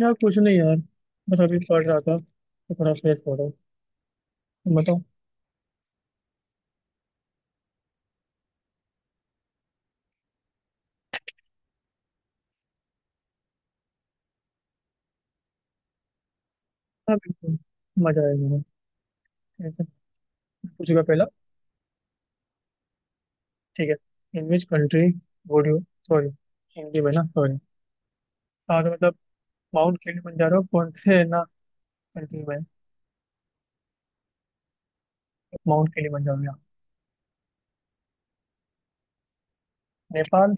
यार कुछ नहीं यार। बस अभी पढ़ रहा था तो थोड़ा फ्रेश हो रहा हूँ। तुम बताओ। हाँ, बिल्कुल। मजा आएगा। ठीक है। पूछेगा पहला। ठीक है। In which country would you sorry. Hindi में ना सॉरी। हाँ तो मतलब माउंट किलिमंजारो कौन से ना कंट्री में है? माउंट किलिमंजारो, या नेपाल,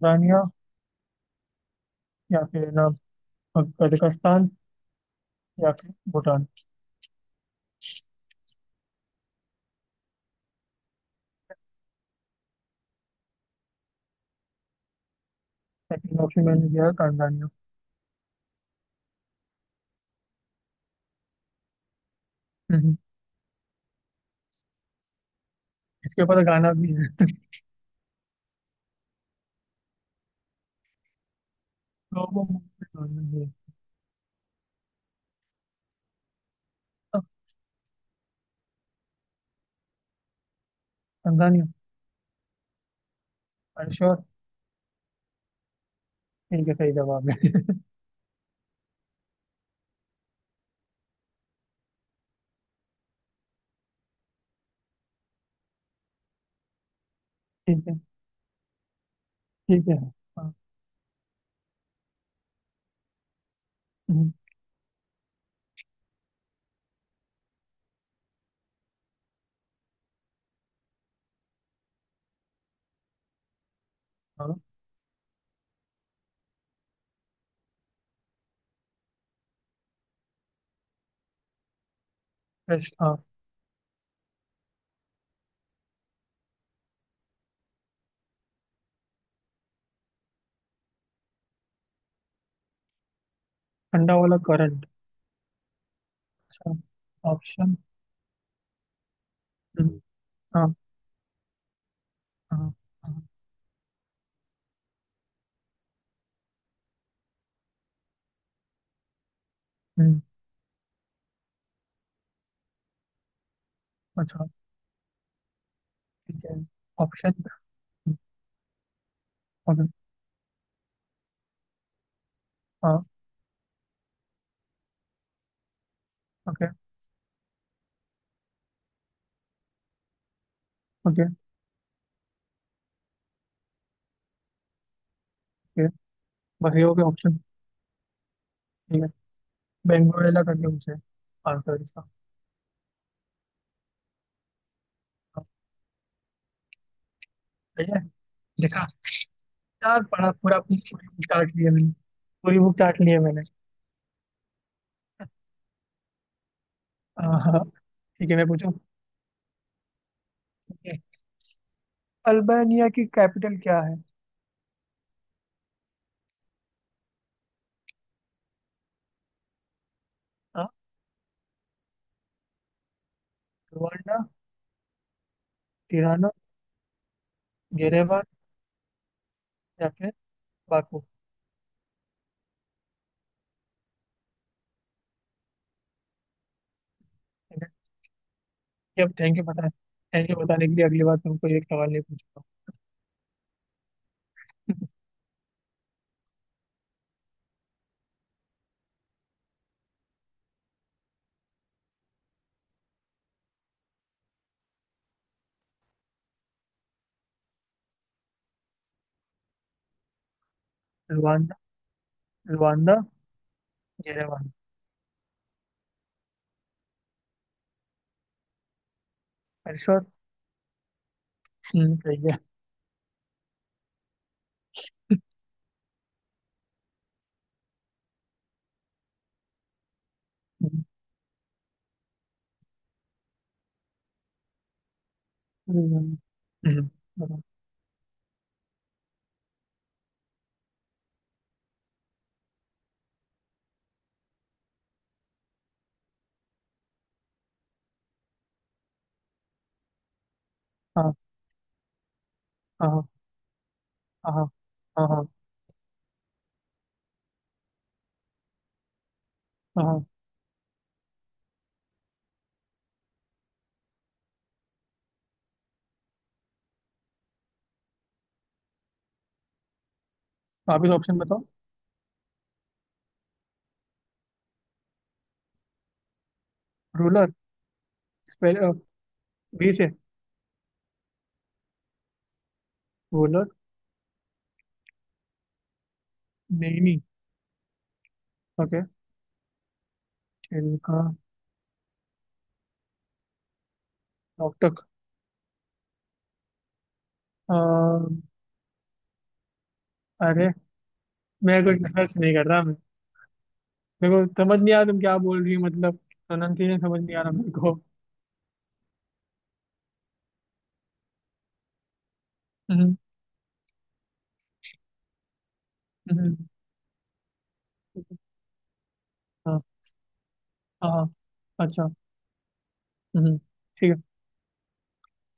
tanzania, या फिर ना कजाकिस्तान, या फिर भूटान। सेकंड ऑप्शन मैंने दिया है tanzania। हम्म। इसके ऊपर तो गाना भी है तो वो मुझे। tanzania। अरे श्योर। ठीक है, सही जवाब है ठीक है। ठीक है हाँ। हम्म, हाँ। बेस्ट, हाँ। ठंडा वाला करंट। अच्छा। ऑप्शन। हम्म, हाँ। हाँ। हाँ। हम्म। अच्छा। ठीक है। ऑप्शन। ओके। हाँ। ओके। ओके। ओके। बस ये हो गया ऑप्शन। ठीक है। बेंगोरेला करके मुझे आंसर इसका। हाँ। ठीक है। देखा। यार पढ़ा, पूरा अपनी पूरी बुक चाट लिया मैंने। पूरी बुक चाट लिया मैंने। हाँ, हाँ। ठीक है, मैं पूछूं। ओके। अल्बानिया की कैपिटल क्या है? हाँ। रुवांडा। तिराना। गेरेबान। या फिर बाकू। जब थैंक यू, पता है, थैंक यू बताने के लिए अगली बार तुमको एक सवाल नहीं पूछूंगा। रुवांडा। रुवांडा। ये रुवांडा। रिश्वत। सही है। हम्म। हम्म। हम्म। बताओ। हाँ हाँ। हाँ, हाँ। हाँ, हाँ। हाँ। वापिस ऑप्शन बताओ। रूलर। स्पेल। बी से। रूलर। नैनी। ओके। छिलका। नोकटक। अ, अरे, मैं कुछ रिसर्च नहीं कर रहा। मैं मेरे को समझ नहीं आ रहा तुम क्या बोल रही हो, मतलब प्रोनाउंसिएशन समझ नहीं आ रहा मेरे को। हम्म। हम्म। हाँ। हाँ। हाँ। अच्छा। हम्म। ठीक है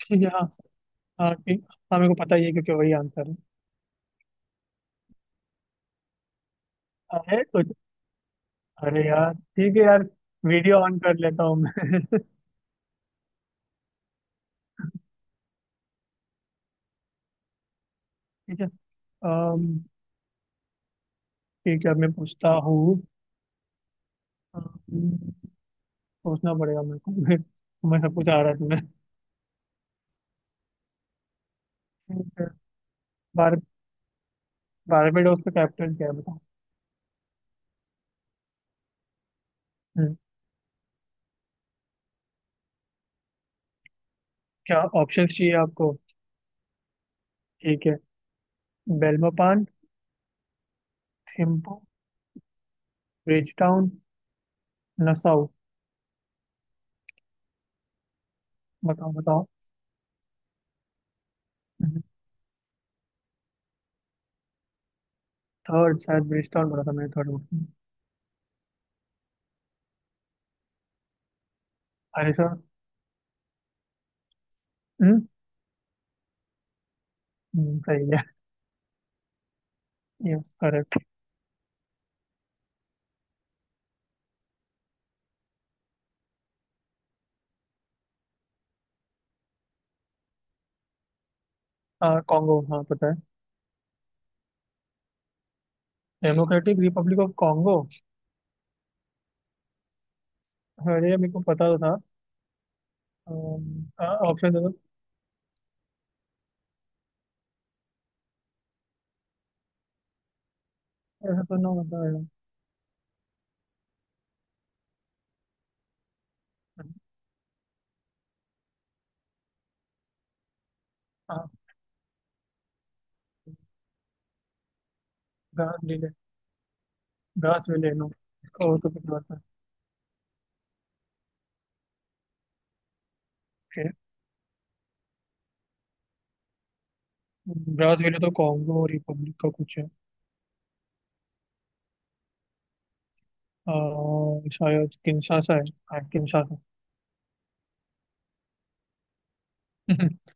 ठीक है, हाँ। हाँ, ठीक। हाँ, मेरे को पता ही है क्योंकि वही आंसर है। अरे, कुछ। अरे यार, ठीक है यार। वीडियो ऑन कर लेता हूँ मैं ठीक है। अम, ठीक है, अब मैं पूछता हूँ। अम, सोचना पड़ेगा मेरे को मैं सब कुछ आ रहा है तुम्हें। ठीक है। बार बारबेडोस का कैप्टन क्या है, बताओ। हम्म। क्या ऑप्शंस चाहिए आपको? ठीक है। बेल्मोपान। थिम्पू। ब्रिजटाउन। नसाउ। बताओ, बताओ। थर्ड शायद ब्रिजटाउन बोला था मैंने, थर्ड ऑप्शन। अरे सर। हम्म? सही है। Yes, correct. हाँ, कॉन्गो, हाँ पता है। Democratic Republic of Congo. अरे, ये मेरे को पता तो था। ऑप्शन दे दो। ऐसा तो ना होता है। हाँ। ग्रासविले। ग्रासविले, नो। और तो कुछ बात है। फिर ग्रासविले तो कॉन्गो रिपब्लिक का कुछ है। अ, शायद किंशासा है। हाँ, किंशासा।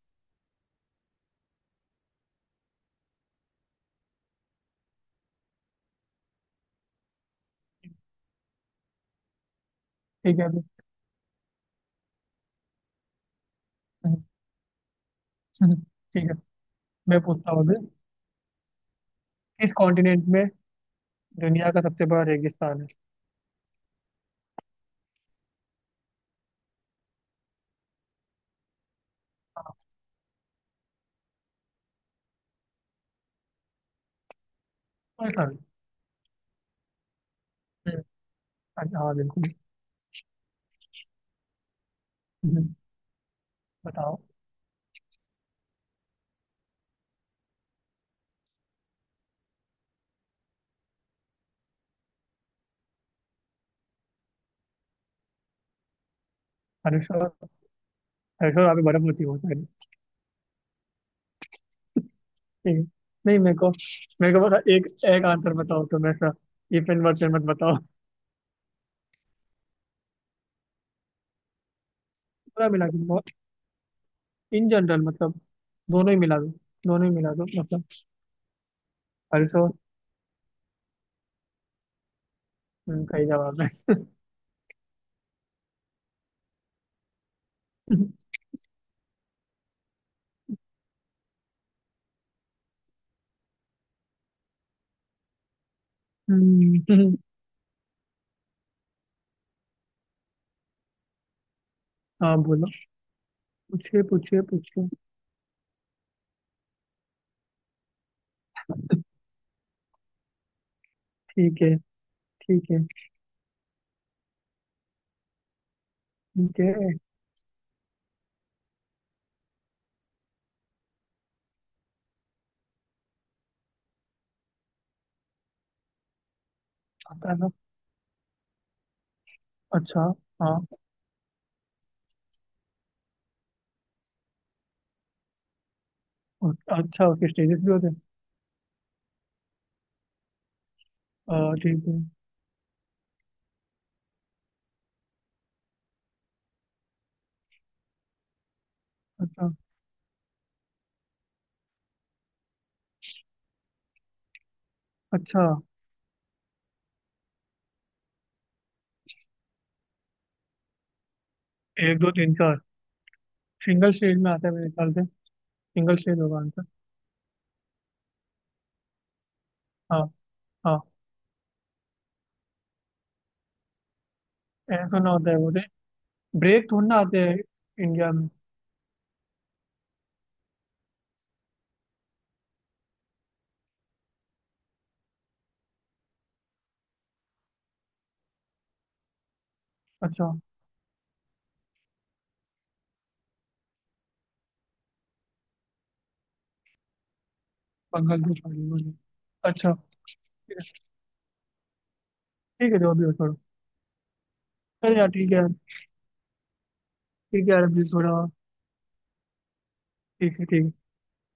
ठीक है अभी। हम्म। ठीक है, मैं पूछता हूँ अभी। किस कॉन्टिनेंट में दुनिया का सबसे बड़ा रेगिस्तान है? पाकिस्तान है। हाँ बिल्कुल। हम्म। बताओ। हनुशा। हनुशा, यहाँ पे बर्फ होती है बहुत सारी। ठीक है। नहीं, मेरे को, बस एक एक आंसर बताओ, तो मैं सा, इफ एंड वर्ड्स मत बताओ। पूरा मिला के, इन जनरल मतलब, दोनों ही मिला दो। दोनों ही मिला दो मतलब। हर्षो। सही जवाब है। हम्म। हाँ, बोलो। पूछे, पूछे, पूछे। ठीक है। ठीक है। ठीक है। आता है ना? अच्छा। हाँ। अच्छा, उसके स्टेजेस भी होते हैं? ठीक है। अच्छा। अच्छा। एक, दो, तीन, चार। सिंगल स्टेज में आता है मेरे ख्याल से। सिंगल स्टेज होगा आंसर। हाँ। हाँ। ऐसा सुना होता है वो। ब्रेक थोड़ी ना आते हैं इंडिया में। अच्छा, बांग्लादेश वाले बोले। अच्छा। ठीक है। ठीक है, जो भी हो, छोड़ो। चलो यार, ठीक है यार। ठीक है यार, अभी थोड़ा। ठीक है। ठीक है।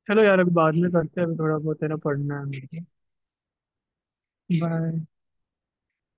चलो यार, अभी बाद में करते हैं, अभी थोड़ा बहुत है ना, पढ़ना है मेरे को। बाय।